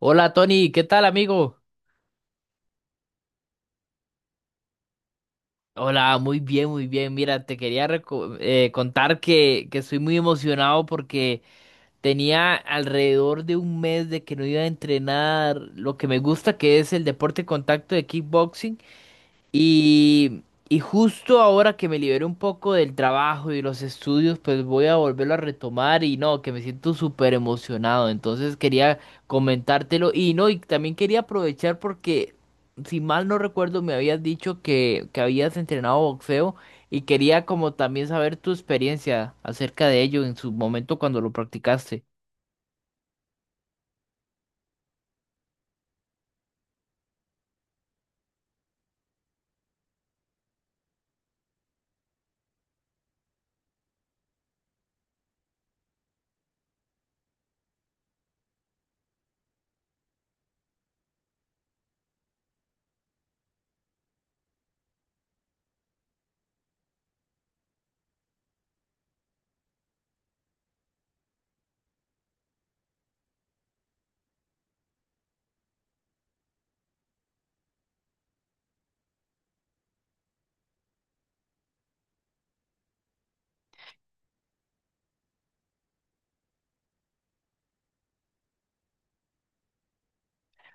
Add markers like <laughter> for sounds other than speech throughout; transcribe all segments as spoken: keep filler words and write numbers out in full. Hola Tony, ¿qué tal amigo? Hola, muy bien, muy bien. Mira, te quería reco- eh, contar que, que estoy muy emocionado porque tenía alrededor de un mes de que no iba a entrenar lo que me gusta, que es el deporte de contacto de kickboxing. Y, y justo ahora que me liberé un poco del trabajo y los estudios, pues voy a volverlo a retomar y no, que me siento súper emocionado. Entonces quería comentártelo y no, y también quería aprovechar porque, si mal no recuerdo, me habías dicho que, que habías entrenado boxeo y quería como también saber tu experiencia acerca de ello en su momento cuando lo practicaste.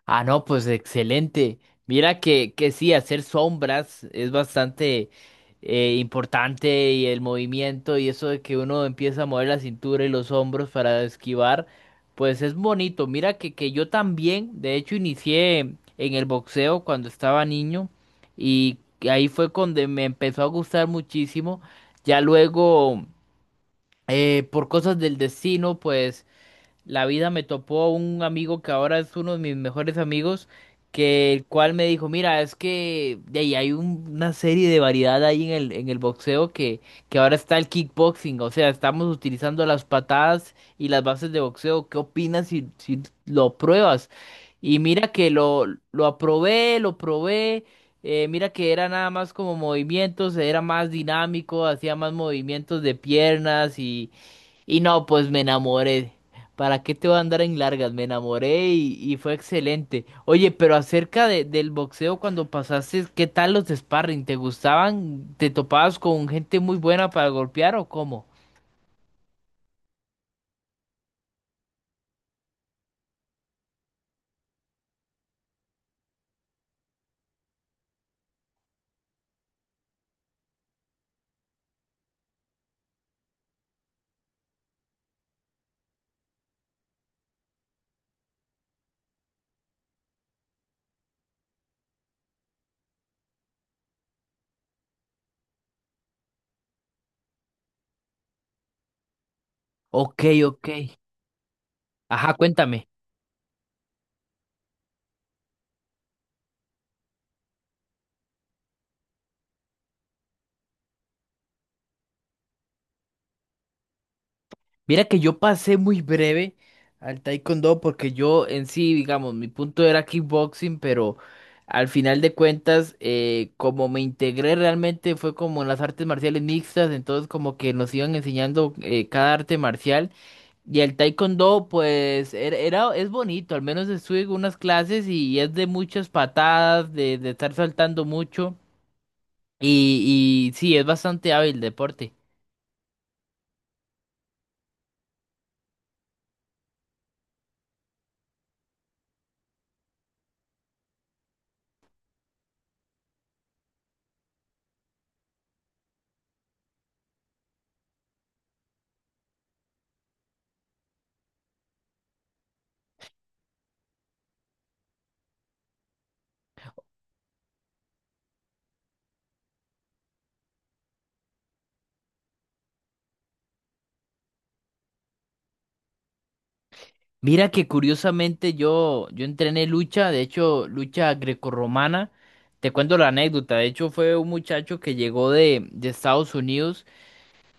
Ah, no, pues excelente. Mira que, que sí, hacer sombras es bastante eh, importante y el movimiento y eso de que uno empieza a mover la cintura y los hombros para esquivar, pues es bonito. Mira que, que yo también, de hecho, inicié en el boxeo cuando estaba niño y ahí fue cuando me empezó a gustar muchísimo. Ya luego, eh, por cosas del destino, pues la vida me topó un amigo que ahora es uno de mis mejores amigos, que el cual me dijo, mira, es que de ahí hay un- una serie de variedad ahí en el, en el boxeo que, que ahora está el kickboxing, o sea, estamos utilizando las patadas y las bases de boxeo. ¿Qué opinas si, si lo pruebas? Y mira que lo, lo aprobé, lo probé. Eh, mira que era nada más como movimientos, era más dinámico, hacía más movimientos de piernas y, y no, pues me enamoré. ¿Para qué te voy a andar en largas? Me enamoré y, y fue excelente. Oye, pero acerca de- del boxeo cuando pasaste, ¿qué tal los sparring? ¿Te gustaban? ¿Te topabas con gente muy buena para golpear o cómo? Ok, ok. Ajá, cuéntame. Mira que yo pasé muy breve al taekwondo porque yo en sí, digamos, mi punto era kickboxing, pero al final de cuentas, eh, como me integré realmente fue como en las artes marciales mixtas, entonces como que nos iban enseñando eh, cada arte marcial. Y el taekwondo, pues, era, era- es bonito, al menos estuve en unas clases y es de muchas patadas, de, de estar saltando mucho. Y, y sí, es bastante hábil el deporte. Mira que curiosamente yo, yo entrené lucha, de hecho, lucha grecorromana. Te cuento la anécdota, de hecho fue un muchacho que llegó de, de Estados Unidos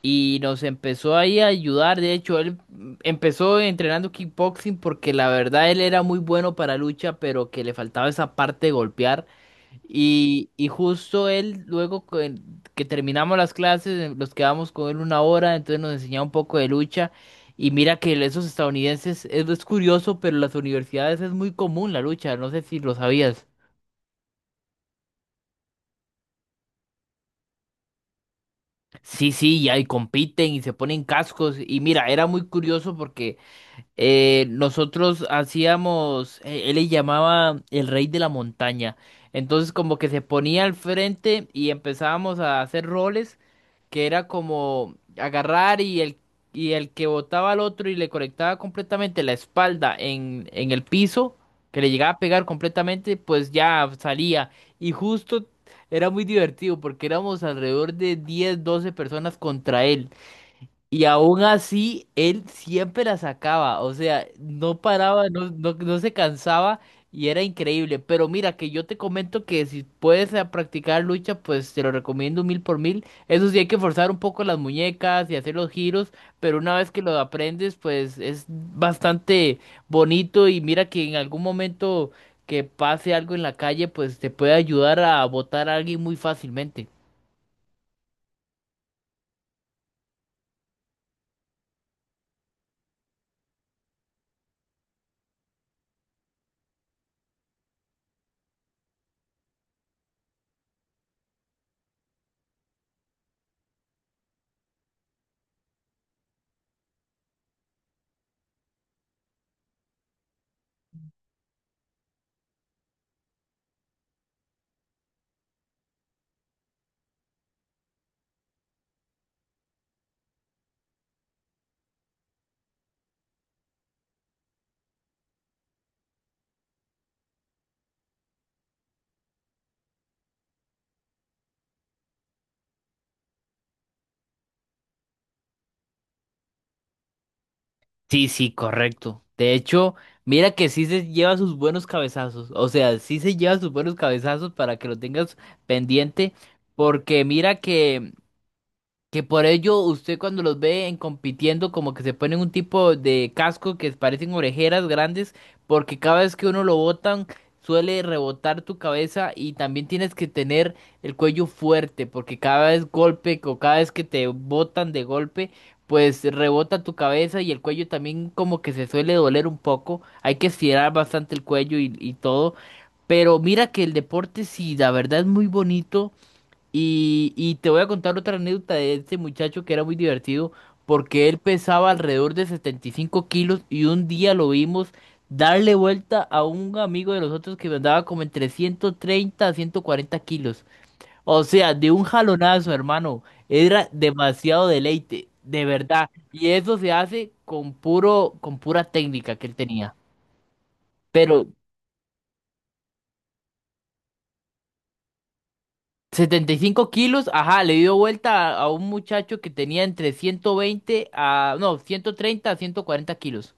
y nos empezó ahí a ayudar. De hecho, él mm, empezó entrenando kickboxing porque la verdad él era muy bueno para lucha, pero que le faltaba esa parte de golpear. Y, y justo él, luego co- que terminamos las clases, eh, nos quedamos con él una hora, entonces nos enseñaba un poco de lucha. Y mira que esos estadounidenses, es, es curioso, pero en las universidades es muy común la lucha, no sé si lo sabías. Sí, sí, y ahí compiten y se ponen cascos. Y mira, era muy curioso porque Eh, nosotros hacíamos, eh, él le llamaba el rey de la montaña. Entonces como que se ponía al frente y empezábamos a hacer roles que era como agarrar y el, y el que botaba al otro y le conectaba completamente la espalda en, en el piso, que le llegaba a pegar completamente, pues ya salía. Y justo era muy divertido porque éramos alrededor de diez doce personas contra él. Y aún así, él siempre la sacaba, o sea, no paraba, no, no, no se cansaba y era increíble. Pero mira, que yo te comento que si puedes eh, practicar lucha, pues te lo recomiendo mil por mil. Eso sí, hay que forzar un poco las muñecas y hacer los giros, pero una vez que lo aprendes, pues es bastante bonito y mira que en algún momento que pase algo en la calle, pues te puede ayudar a botar a alguien muy fácilmente. Sí, sí, correcto. De hecho, mira que sí se lleva sus buenos cabezazos. O sea, sí se lleva sus buenos cabezazos para que lo tengas pendiente. Porque mira que que por ello usted cuando los ve en compitiendo como que se ponen un tipo de casco que parecen orejeras grandes porque cada vez que uno lo botan suele rebotar tu cabeza y también tienes que tener el cuello fuerte porque cada vez golpe o cada vez que te botan de golpe pues rebota tu cabeza y el cuello también como que se suele doler un poco. Hay que estirar bastante el cuello y, y todo. Pero mira que el deporte sí, la verdad es muy bonito. Y, y te voy a contar otra anécdota de este muchacho que era muy divertido porque él pesaba alrededor de setenta y cinco kilos y un día lo vimos darle vuelta a un amigo de nosotros que andaba como entre ciento treinta a ciento cuarenta kilos. O sea, de un jalonazo, hermano. Era demasiado deleite, de verdad. Y eso se hace con puro, con pura técnica que él tenía. Pero setenta y cinco kilos, ajá, le dio vuelta a, a un muchacho que tenía entre ciento veinte a, no, ciento treinta a ciento cuarenta kilos.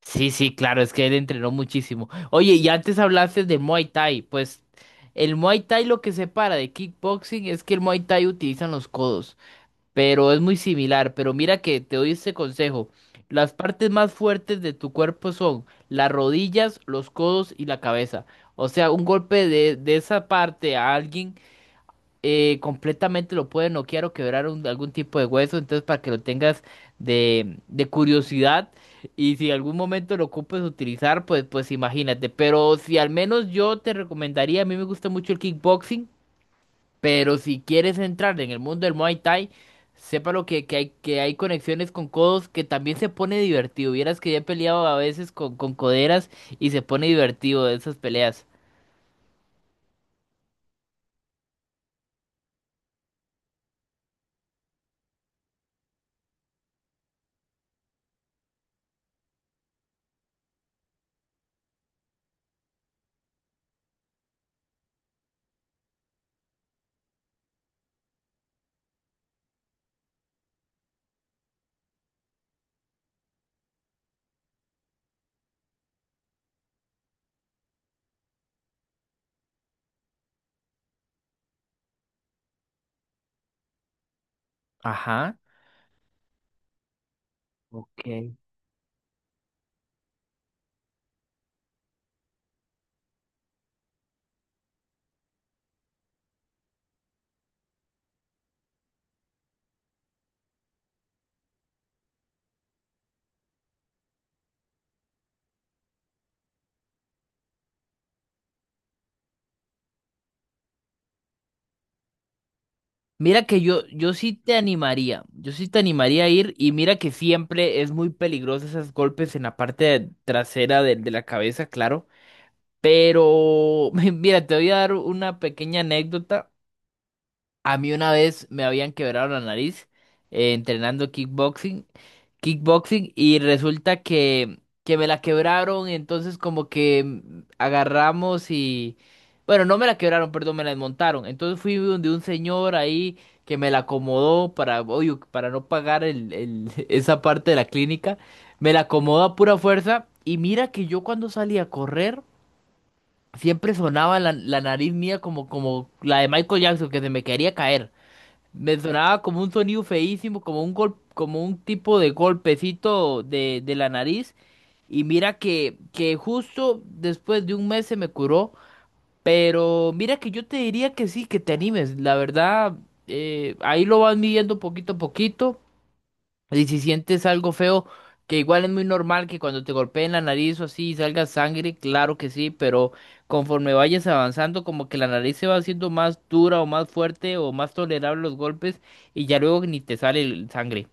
Sí, sí, claro, es que él entrenó muchísimo. Oye, y antes hablaste de Muay Thai, pues el Muay Thai lo que separa de kickboxing es que el Muay Thai utilizan los codos, pero es muy similar, pero mira que te doy este consejo. Las partes más fuertes de tu cuerpo son las rodillas, los codos y la cabeza. O sea, un golpe de, de esa parte a alguien eh, completamente lo puede noquear o quebrar un- algún tipo de hueso, entonces para que lo tengas de, de curiosidad y si algún momento lo ocupes utilizar, pues, pues imagínate, pero si al menos yo te recomendaría, a mí me gusta mucho el kickboxing, pero si quieres entrar en el mundo del Muay Thai, sépalo que, que hay, que hay conexiones con codos que también se pone divertido, vieras que ya he peleado a veces con, con coderas y se pone divertido de esas peleas. Ajá. Ok. Mira que yo, yo sí te animaría, yo sí te animaría a ir y mira que siempre es muy peligroso esos golpes en la parte trasera de, de la cabeza, claro, pero <laughs> mira, te voy a dar una pequeña anécdota. A mí una vez me habían quebrado la nariz eh, entrenando kickboxing, kickboxing y resulta que, que me la quebraron, entonces como que mm, agarramos y... Bueno, no me la quebraron, perdón, me la desmontaron. Entonces fui donde un señor ahí que me la acomodó para, oye, para no pagar el, el- <laughs> esa parte de la clínica. Me la acomodó a pura fuerza y mira que yo cuando salí a correr siempre sonaba la, la nariz mía como, como la de Michael Jackson que se me quería caer. Me sonaba como un sonido feísimo, como un gol, como un tipo de golpecito de, de la nariz. Y mira que, que justo después de un mes se me curó. Pero mira que yo te diría que sí, que te animes. La verdad, eh, ahí lo vas midiendo poquito a poquito. Y si sientes algo feo, que igual es muy normal que cuando te golpeen la nariz o así salga sangre, claro que sí, pero conforme vayas avanzando, como que la nariz se va haciendo más dura o más fuerte o más tolerable los golpes y ya luego ni te sale el sangre.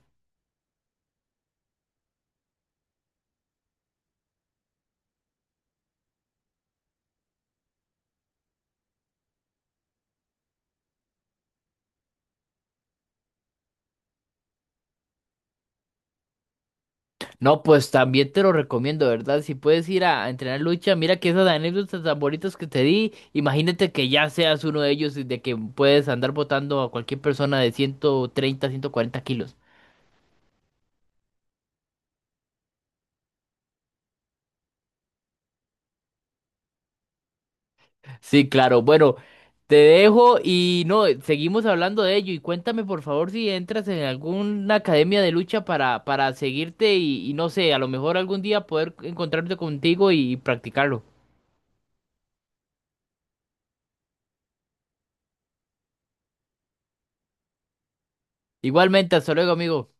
No, pues también te lo recomiendo, ¿verdad? Si puedes ir a, a entrenar lucha, mira que esas anécdotas tan bonitas que te di, imagínate que ya seas uno de ellos y de que puedes andar botando a cualquier persona de ciento treinta ciento cuarenta kilos. Sí, claro. Bueno, te dejo y no, seguimos hablando de ello. Y cuéntame, por favor, si entras en alguna academia de lucha para, para seguirte y, y no sé, a lo mejor algún día poder encontrarte contigo y practicarlo. Igualmente, hasta luego, amigo.